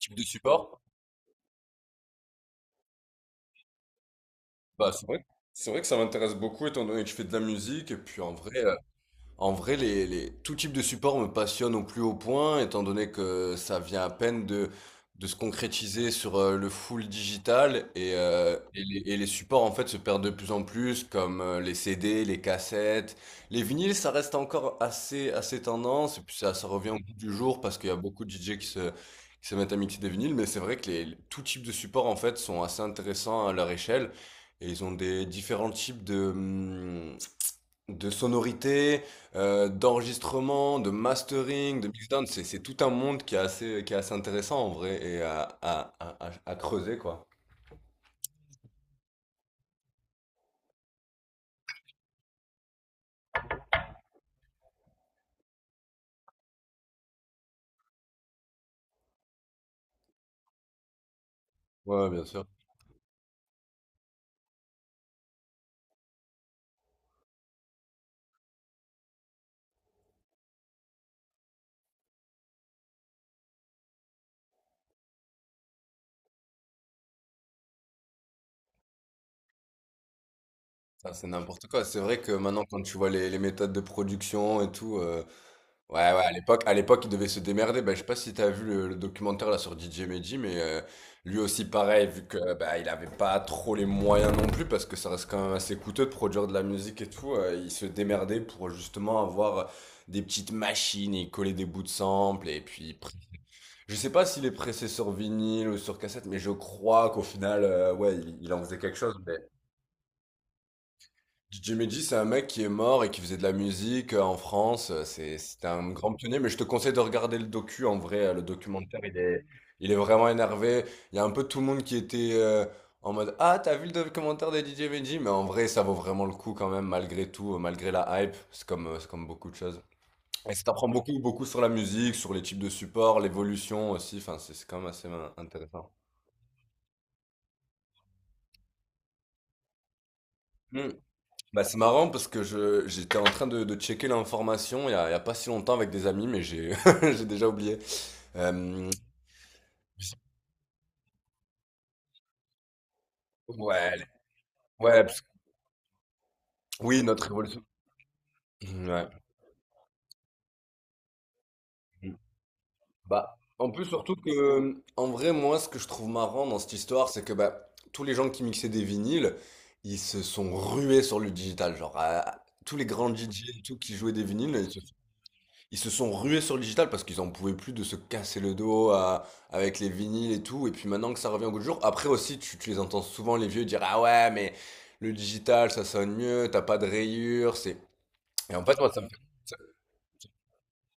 Type de support? Bah, c'est vrai que ça m'intéresse beaucoup étant donné que je fais de la musique et puis en vrai, tout type de support me passionne au plus haut point, étant donné que ça vient à peine de se concrétiser sur le full digital et les supports en fait se perdent de plus en plus, comme les CD, les cassettes, les vinyles, ça reste encore assez, assez tendance et puis ça revient au bout du jour parce qu'il y a beaucoup de DJ qui se mettent à mixer des vinyles, mais c'est vrai que tout type de support en fait sont assez intéressants à leur échelle. Et ils ont des différents types de sonorité, d'enregistrement, de mastering, de mixdown, c'est tout un monde qui est assez intéressant en vrai et à creuser quoi. Ouais, ouais, bien sûr. Ça, c'est n'importe quoi. C'est vrai que maintenant quand tu vois les méthodes de production et tout, ouais, ouais, à l'époque, il devait se démerder. Ben, je sais pas si t'as vu le documentaire là sur DJ Medji, mais lui aussi pareil, vu que bah, il avait pas trop les moyens non plus, parce que ça reste quand même assez coûteux de produire de la musique et tout. Il se démerdait pour justement avoir des petites machines et coller des bouts de samples. Et puis, je sais pas s'il est pressé sur vinyle ou sur cassette, mais je crois qu'au final, ouais, il en faisait quelque chose. Jimmy G, c'est un mec qui est mort et qui faisait de la musique en France. C'est un grand pionnier, mais je te conseille de regarder le docu. En vrai, le documentaire, il est vraiment énervé. Il y a un peu tout le monde qui était en mode Ah, t'as vu le documentaire de DJ Benji? Mais en vrai, ça vaut vraiment le coup quand même, malgré tout, malgré la hype. C'est comme beaucoup de choses. Et ça t'apprend beaucoup, beaucoup sur la musique, sur les types de supports, l'évolution aussi. Enfin, c'est quand même assez intéressant. Bah, c'est marrant parce que j'étais en train de checker l'information il y a pas si longtemps avec des amis, mais j'ai, j'ai déjà oublié. Euh, ouais, ouais, oui, notre révolution. Ouais. Bah, en plus, surtout que, en vrai, moi, ce que je trouve marrant dans cette histoire, c'est que bah, tous les gens qui mixaient des vinyles, ils se sont rués sur le digital. Genre, tous les grands DJ et tout qui jouaient des vinyles, ils se sont rués sur le digital parce qu'ils en pouvaient plus de se casser le dos avec les vinyles et tout. Et puis maintenant que ça revient au goût du jour, après aussi, tu les entends souvent, les vieux, dire Ah ouais, mais le digital, ça sonne mieux, t'as pas de rayures. Et en fait, moi,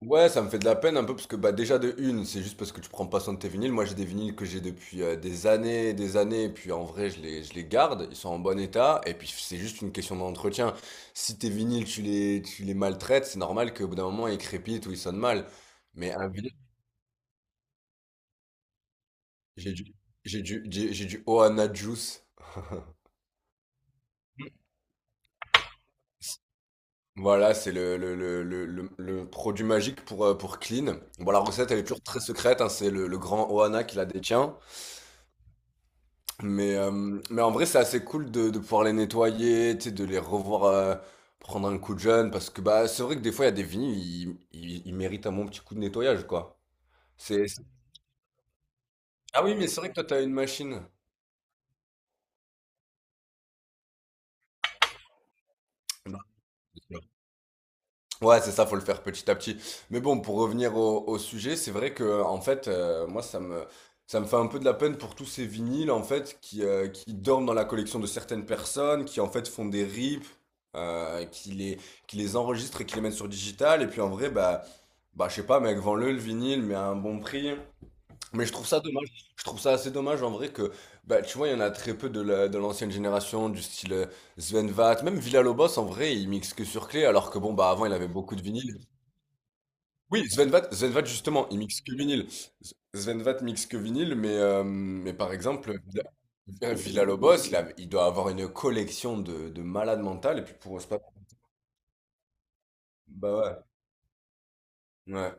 ouais, ça me fait de la peine un peu parce que bah déjà de une, c'est juste parce que tu prends pas soin de tes vinyles. Moi, j'ai des vinyles que j'ai depuis des années, et puis en vrai, je les garde, ils sont en bon état, et puis c'est juste une question d'entretien. Si tes vinyles, tu les maltraites, c'est normal qu'au bout d'un moment, ils crépitent ou ils sonnent mal. Mais un vinyle, j'ai du, j'ai du Ohana Juice. Voilà, c'est le produit magique pour Clean. Bon, la recette, elle est toujours très secrète, hein, c'est le grand Ohana qui la détient. Mais en vrai, c'est assez cool de pouvoir les nettoyer, tu sais, de les revoir prendre un coup de jeune, parce que bah, c'est vrai que des fois, il y a des vinyles, ils méritent un bon petit coup de nettoyage, quoi. C'est... c'est- Ah oui, mais c'est vrai que toi, t'as une machine. Ouais, c'est ça, faut le faire petit à petit. Mais bon, pour revenir au, au sujet, c'est vrai que en fait, moi, ça me fait un peu de la peine pour tous ces vinyles en fait qui dorment dans la collection de certaines personnes, qui en fait font des rips, euh, qui les, qui les enregistrent et qui les mettent sur digital. Et puis en vrai, bah, je sais pas, mec, vends-le le vinyle, mais à un bon prix. Mais je trouve ça dommage. Je trouve ça assez dommage en vrai que, bah, tu vois, il y en a très peu de de l'ancienne génération, du style Sven Vath. Même Villalobos en vrai, il mixe que sur clé, alors que bon, bah, avant, il avait beaucoup de vinyle. Oui, Sven Vath, justement, il mixe que vinyle. Sven Vath mixe que vinyle, mais par exemple, Villa- villa il doit avoir une collection de malades mentales, et puis pour... c'est pas- Bah ouais. Ouais.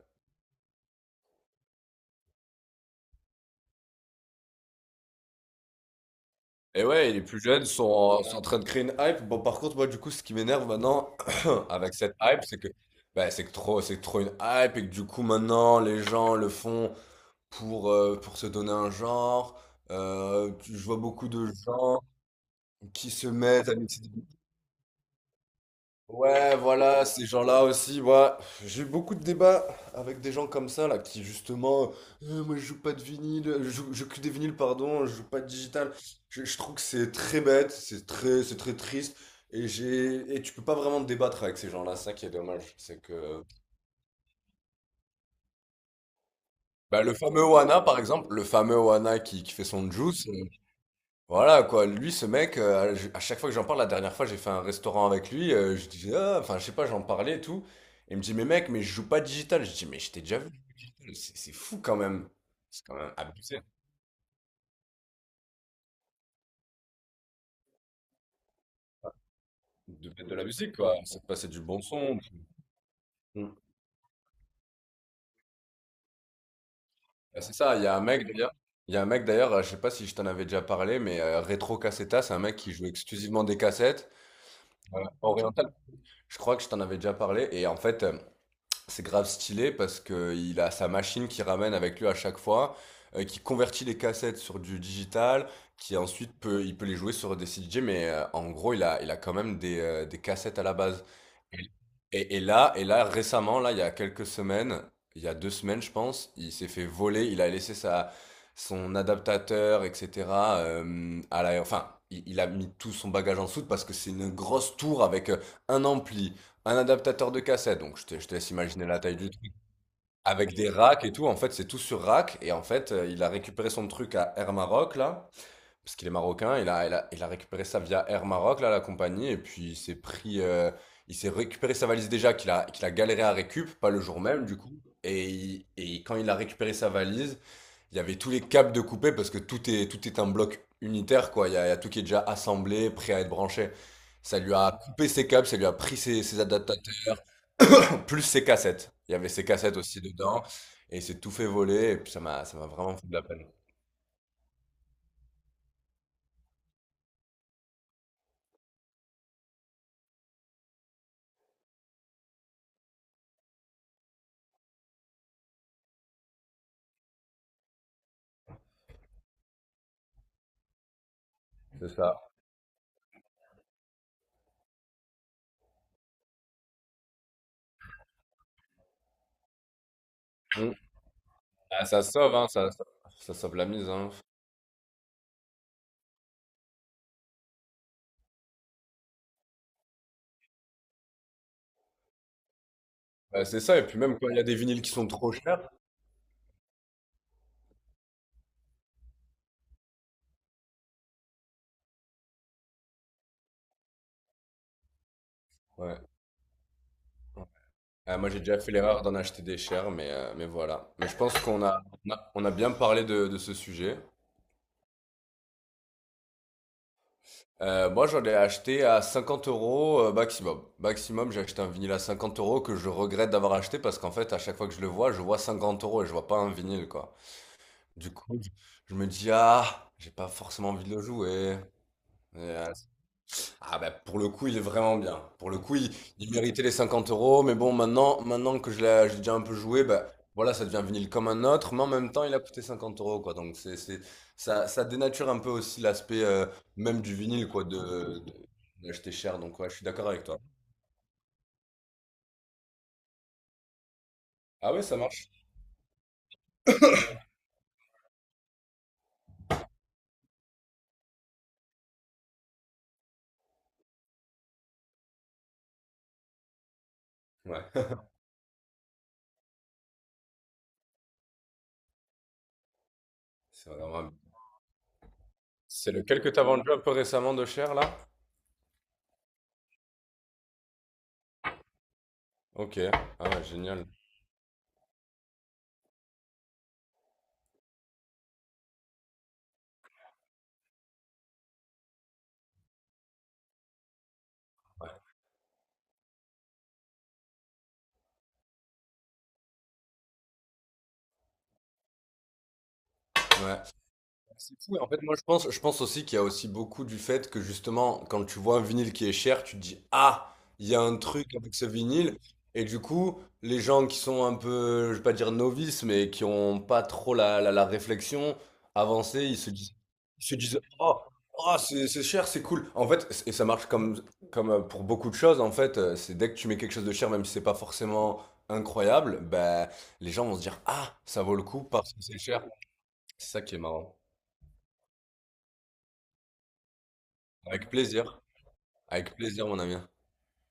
Et ouais, les plus jeunes sont en, sont en train de créer une hype. Bon, par contre, moi, du coup, ce qui m'énerve maintenant avec cette hype, c'est que bah, c'est que trop, c'est trop une hype et que du coup, maintenant, les gens le font pour se donner un genre. Je vois beaucoup de gens qui se mettent à mixer. Ouais, voilà, ces gens-là aussi, moi, j'ai eu beaucoup de débats avec des gens comme ça, là, qui justement, moi je joue pas de vinyle, je joue que des vinyles, pardon, je joue pas de digital. Je trouve que c'est très bête, c'est très triste, et et tu peux pas vraiment te débattre avec ces gens-là, ça qui est dommage, c'est que, bah, le fameux Wana, par exemple, le fameux Wana qui fait son juice, voilà quoi, lui ce mec, à chaque fois que j'en parle, la dernière fois j'ai fait un restaurant avec lui, je dis, Ah, enfin je sais pas, j'en parlais et tout. Il me dit, mais mec, mais je joue pas digital. Je dis, mais je t'ai déjà vu, c'est fou quand même. C'est quand même abusé de mettre de la musique quoi, ça te passait du bon son. Bon- Ah, c'est ça, il y a un mec d'ailleurs, il y a un mec d'ailleurs, je sais pas si je t'en avais déjà parlé, mais Retro Cassetta, c'est un mec qui joue exclusivement des cassettes orientales. Je crois que je t'en avais déjà parlé et en fait. C'est grave stylé parce qu'il a sa machine qui ramène avec lui à chaque fois, qui convertit les cassettes sur du digital, qui ensuite il peut les jouer sur des CDJ, en gros, il a quand même des cassettes à la base. Et là, récemment, là, il y a quelques semaines, il y a deux semaines, je pense, il s'est fait voler, il a laissé son adaptateur, etc. Enfin, il a mis tout son bagage en soute parce que c'est une grosse tour avec un ampli, un adaptateur de cassette, donc je te laisse imaginer la taille du avec des racks et tout, en fait, c'est tout sur rack. Et en fait, il a récupéré son truc à Air Maroc, là, parce qu'il est marocain. Il a récupéré ça via Air Maroc, là, la compagnie. Et puis, il s'est récupéré sa valise déjà, qu'il a galéré à récup, pas le jour même, du coup. Et quand il a récupéré sa valise, il y avait tous les câbles de coupé, parce que tout est un bloc unitaire, quoi. Il y a tout qui est déjà assemblé, prêt à être branché. Ça lui a coupé ses câbles, ça lui a pris ses adaptateurs. Plus ses cassettes. Il y avait ses cassettes aussi dedans et il s'est tout fait voler et puis ça m'a vraiment fait de la peine. C'est ça. Mm. Ah, ça sauve, hein, ça, sauve la mise, hein. Bah, c'est ça, et puis même quand il y a des vinyles qui sont trop chers, ouais. Ah, moi j'ai déjà fait l'erreur d'en acheter des chers, mais voilà. Mais je pense qu'on a bien parlé de ce sujet. Moi j'en ai acheté à 50 euros maximum. Maximum, j'ai acheté un vinyle à 50 euros que je regrette d'avoir acheté parce qu'en fait, à chaque fois que je le vois, je vois 50 euros et je vois pas un vinyle, quoi. Du coup, je me dis: «Ah, j'ai pas forcément envie de le jouer». Et ah bah, pour le coup, il est vraiment bien. Pour le coup, il méritait les 50 euros. Mais bon, maintenant que je l'ai j'ai déjà un peu joué, bah, voilà, ça devient un vinyle comme un autre, mais en même temps, il a coûté 50 euros, quoi, donc c'est ça dénature un peu aussi l'aspect, même du vinyle quoi, de d'acheter cher, donc ouais, je suis d'accord avec toi. Ah ouais, ça marche? Ouais, c'est vraiment c'est lequel que tu vendu un peu récemment de cher là? OK. Ah ouais, génial. Ouais, ouais. C'est fou et en fait, moi, je pense aussi qu'il y a aussi beaucoup du fait que justement, quand tu vois un vinyle qui est cher, tu te dis, ah, il y a un truc avec ce vinyle. Et du coup, les gens qui sont un peu, je vais pas dire novices, mais qui ont pas trop la réflexion avancée, ils se disent, oh, oh, c'est cher, c'est cool. En fait, et ça marche comme, pour beaucoup de choses, en fait, c'est dès que tu mets quelque chose de cher, même si c'est pas forcément incroyable, ben, les gens vont se dire, ah, ça vaut le coup parce que c'est cher. C'est ça qui est marrant. Avec plaisir, avec plaisir, mon ami.